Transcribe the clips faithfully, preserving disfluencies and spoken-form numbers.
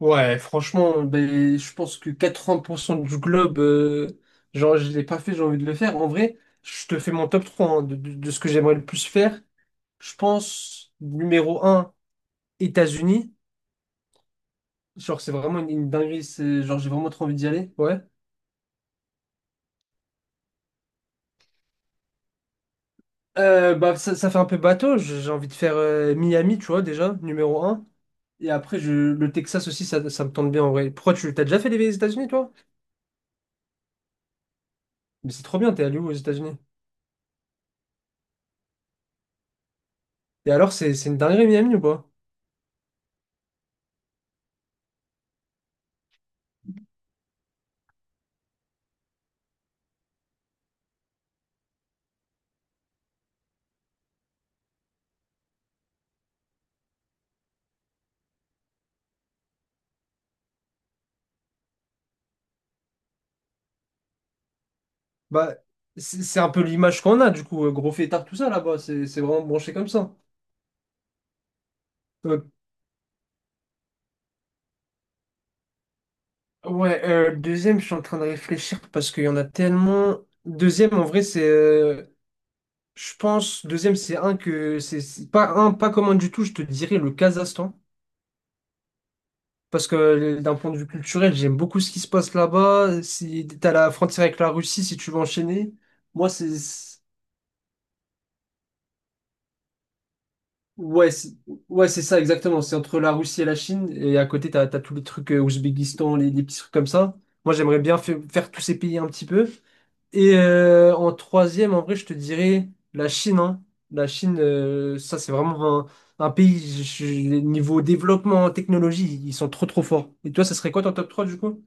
Ouais, franchement, ben, je pense que quatre-vingts pour cent du globe, euh, genre, je l'ai pas fait, j'ai envie de le faire. En vrai, je te fais mon top trois hein, de, de- de ce que j'aimerais le plus faire. Je pense, numéro un, États-Unis. Genre, c'est vraiment une, une dinguerie, c'est- genre, j'ai vraiment trop envie d'y aller. Ouais. Euh, bah, ça, ça fait un peu bateau, j'ai j'ai envie de faire euh, Miami, tu vois, déjà, numéro un. Et après, je, le Texas aussi, ça, ça me tente bien en vrai. Pourquoi tu t'as déjà fait les États-Unis, toi? Mais c'est trop bien, t'es allé où aux États-Unis? Et alors, c'est c'est une dinguerie, Miami ou pas? Bah, c'est c'est un peu l'image qu'on a, du coup, euh, gros fêtard, tout ça là-bas, c'est c'est vraiment branché comme ça. Euh, ouais, euh, deuxième, je suis en train de réfléchir parce qu'il y en a tellement. Deuxième, en vrai, c'est. Euh, je pense, deuxième, c'est un que. C'est c'est pas un, pas commun du tout, je te dirais le Kazakhstan. Parce que euh, d'un point de vue culturel, j'aime beaucoup ce qui se passe là-bas. Si t'as la frontière avec la Russie, si tu veux enchaîner. Moi, c'est. Ouais, c'est ouais, c'est ça, exactement. C'est entre la Russie et la Chine. Et à côté, t'as, t'as tous les trucs euh, Ouzbékistan, les, les petits trucs comme ça. Moi, j'aimerais bien fa- faire tous ces pays un petit peu. Et euh, en troisième, en vrai, je te dirais la Chine, hein. La Chine, euh, ça, c'est vraiment un, un pays, je- je- niveau développement, technologie, ils sont trop, trop forts. Et toi, ça serait quoi ton top trois du coup?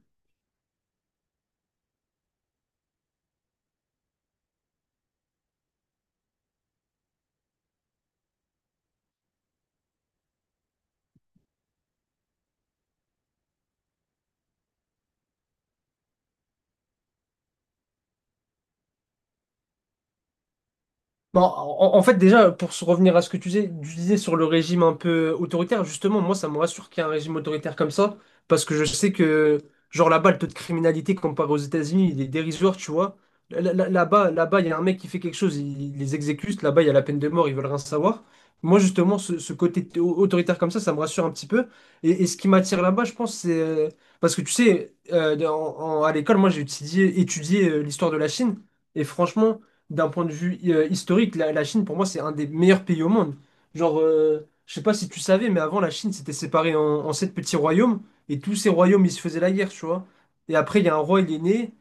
Bon, en, en fait, déjà, pour se revenir à ce que tu disais, tu disais sur le régime un peu autoritaire, justement, moi, ça me rassure qu'il y ait un régime autoritaire comme ça, parce que je sais que, genre, là-bas, le taux de criminalité comparé aux États-Unis, il est dérisoire, tu vois. Là- là- Là-bas, là-bas, il y a un mec qui fait quelque chose, il, il les exécute. Là-bas, il y a la peine de mort, ils veulent rien savoir. Moi, justement, ce, ce côté t- autoritaire comme ça, ça me rassure un petit peu. Et, et ce qui m'attire là-bas, je pense, c'est... euh, parce que, tu sais, euh, dans- en- à l'école, moi, j'ai étudié, étudié euh, l'histoire de la Chine, et franchement d'un point de vue euh, historique, la, la Chine, pour moi, c'est un des meilleurs pays au monde. Genre, euh, je sais pas si tu savais, mais avant, la Chine s'était séparée en, en sept petits royaumes, et tous ces royaumes, ils se faisaient la guerre, tu vois. Et après, il y a un roi, il est né,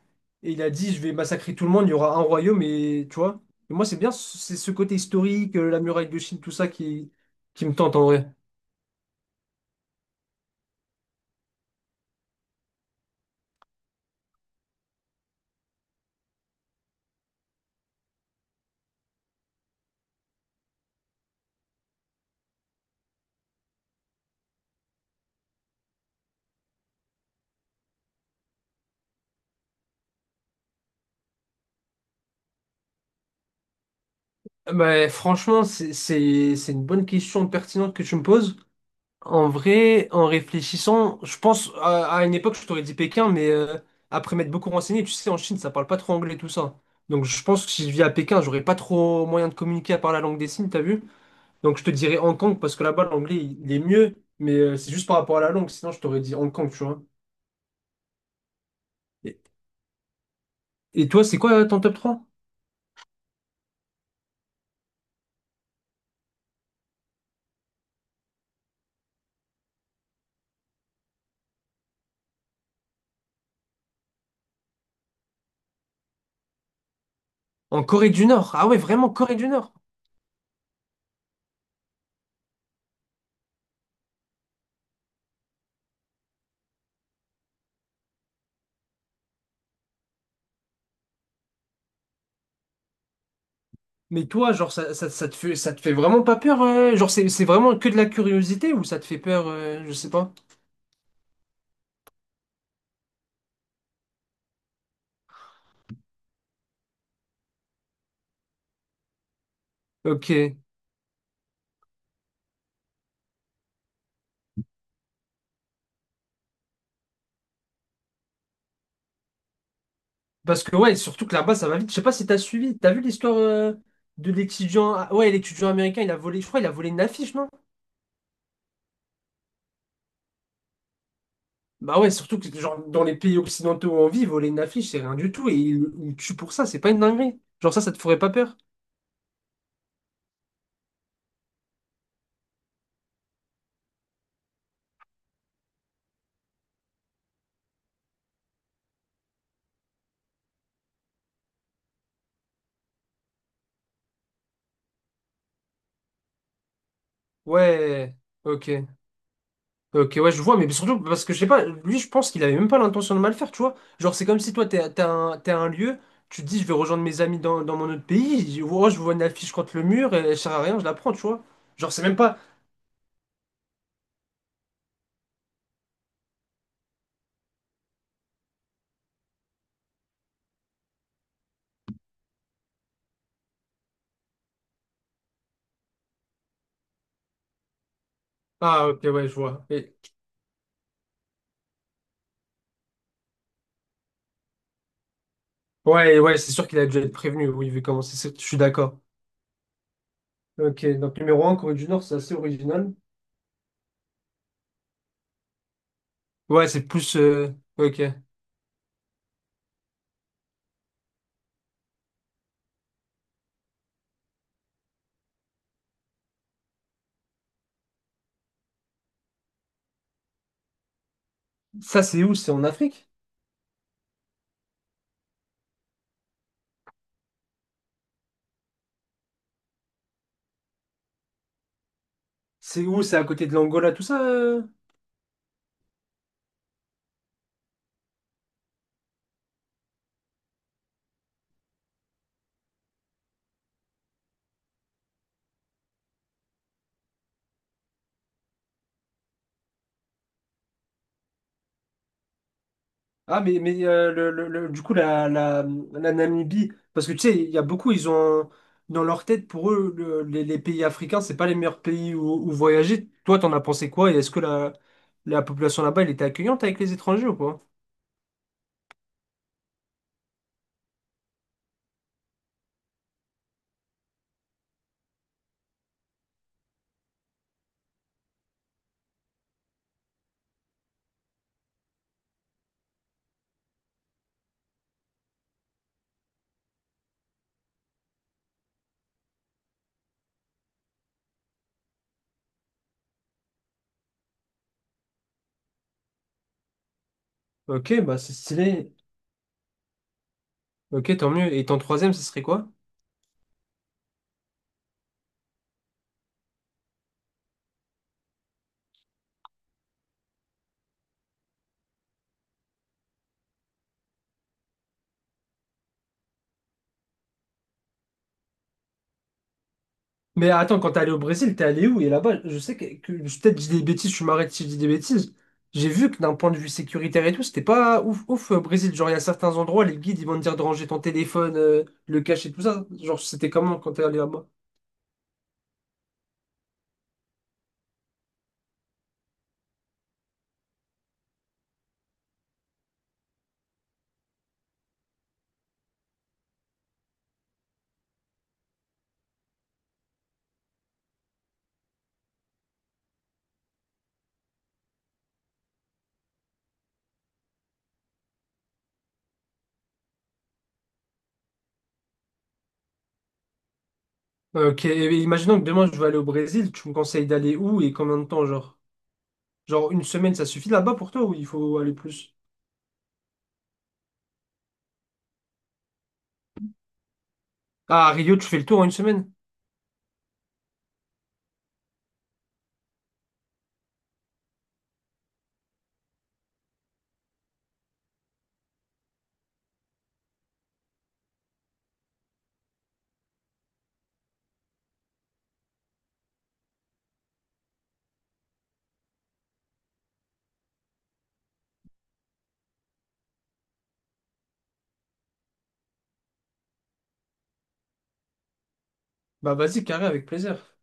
et il a dit, je vais massacrer tout le monde, il y aura un royaume, et tu vois. Et moi, c'est bien, ce- c'est ce côté historique, euh, la muraille de Chine, tout ça qui, qui me tente en vrai. Mais franchement, c'est c'est- c'est une bonne question pertinente que tu me poses. En vrai, en réfléchissant, je pense à, à une époque, je t'aurais dit Pékin, mais euh, après m'être beaucoup renseigné, tu sais, en Chine, ça parle pas trop anglais, tout ça. Donc je pense que si je vis à Pékin, j'aurais pas trop moyen de communiquer à part la langue des signes, t'as vu? Donc je te dirais Hong Kong, parce que là-bas, l'anglais, il, il est mieux, mais euh, c'est juste par rapport à la langue, sinon je t'aurais dit Hong Kong, tu vois. Et, et toi, c'est quoi euh, ton top trois? En Corée du Nord. Ah ouais, vraiment, Corée du Nord. Mais toi, genre, ça, ça, ça te fait, ça te fait vraiment pas peur? Euh, genre, c'est c'est vraiment que de la curiosité ou ça te fait peur? Euh, je sais pas. Ok. Parce que ouais, surtout que là-bas, ça va vite. Je sais pas si t'as suivi. T'as vu l'histoire euh, de l'étudiant. Ah, ouais, l'étudiant américain, il a volé, je crois, il a volé une affiche, non? Bah ouais, surtout que genre dans les pays occidentaux où on vit, voler une affiche, c'est rien du tout. Et il, il tue pour ça, c'est pas une dinguerie. Genre ça, ça te ferait pas peur. Ouais, ok. Ok, ouais, je vois, mais surtout parce que je sais pas, lui, je pense qu'il avait même pas l'intention de mal faire, tu vois. Genre, c'est comme si toi, t'es, t'es à un, t'es à un lieu, tu te dis, je vais rejoindre mes amis dans, dans mon autre pays, je vois, je vois une affiche contre le mur, et elle sert à rien, je la prends, tu vois. Genre, c'est même pas. Ah, ok, ouais, je vois. Et- Ouais, ouais, c'est sûr qu'il a déjà été prévenu, oui, vu comment c'est, c'est- je suis d'accord. Ok, donc numéro un Corée du Nord, c'est assez original. Ouais, c'est plus. Euh, ok. Ça, c'est où? C'est en Afrique? C'est où? C'est à côté de l'Angola, tout ça? Euh? Ah, mais, mais euh, le, le- le- du coup, la, la, la Namibie, parce que tu sais, il y a beaucoup, ils ont dans leur tête, pour eux, le- les, les pays africains, c'est pas les meilleurs pays où, où voyager. Toi, t'en as pensé quoi? Et est-ce que la, la population là-bas, elle était accueillante avec les étrangers ou pas? Ok, bah c'est stylé. Ok, tant mieux. Et ton troisième, ce serait quoi? Mais attends, quand t'es allé au Brésil, t'es allé où? Et là-bas, je sais que, que- peut-être que je dis des bêtises, tu m'arrêtes si je dis des bêtises. J'ai vu que d'un point de vue sécuritaire et tout, c'était pas ouf ouf au Brésil. Genre, il y a certains endroits, les guides, ils vont te dire de ranger ton téléphone, euh, le cacher, tout ça. Genre, c'était comment quand t'es allé là-bas? Ok, et imaginons que demain je veux aller au Brésil, tu me conseilles d'aller où et combien de temps, genre? Genre une semaine, ça suffit là-bas pour toi ou il faut aller plus? Ah, à Rio, tu fais le tour en une semaine? Bah vas-y, carré, avec plaisir.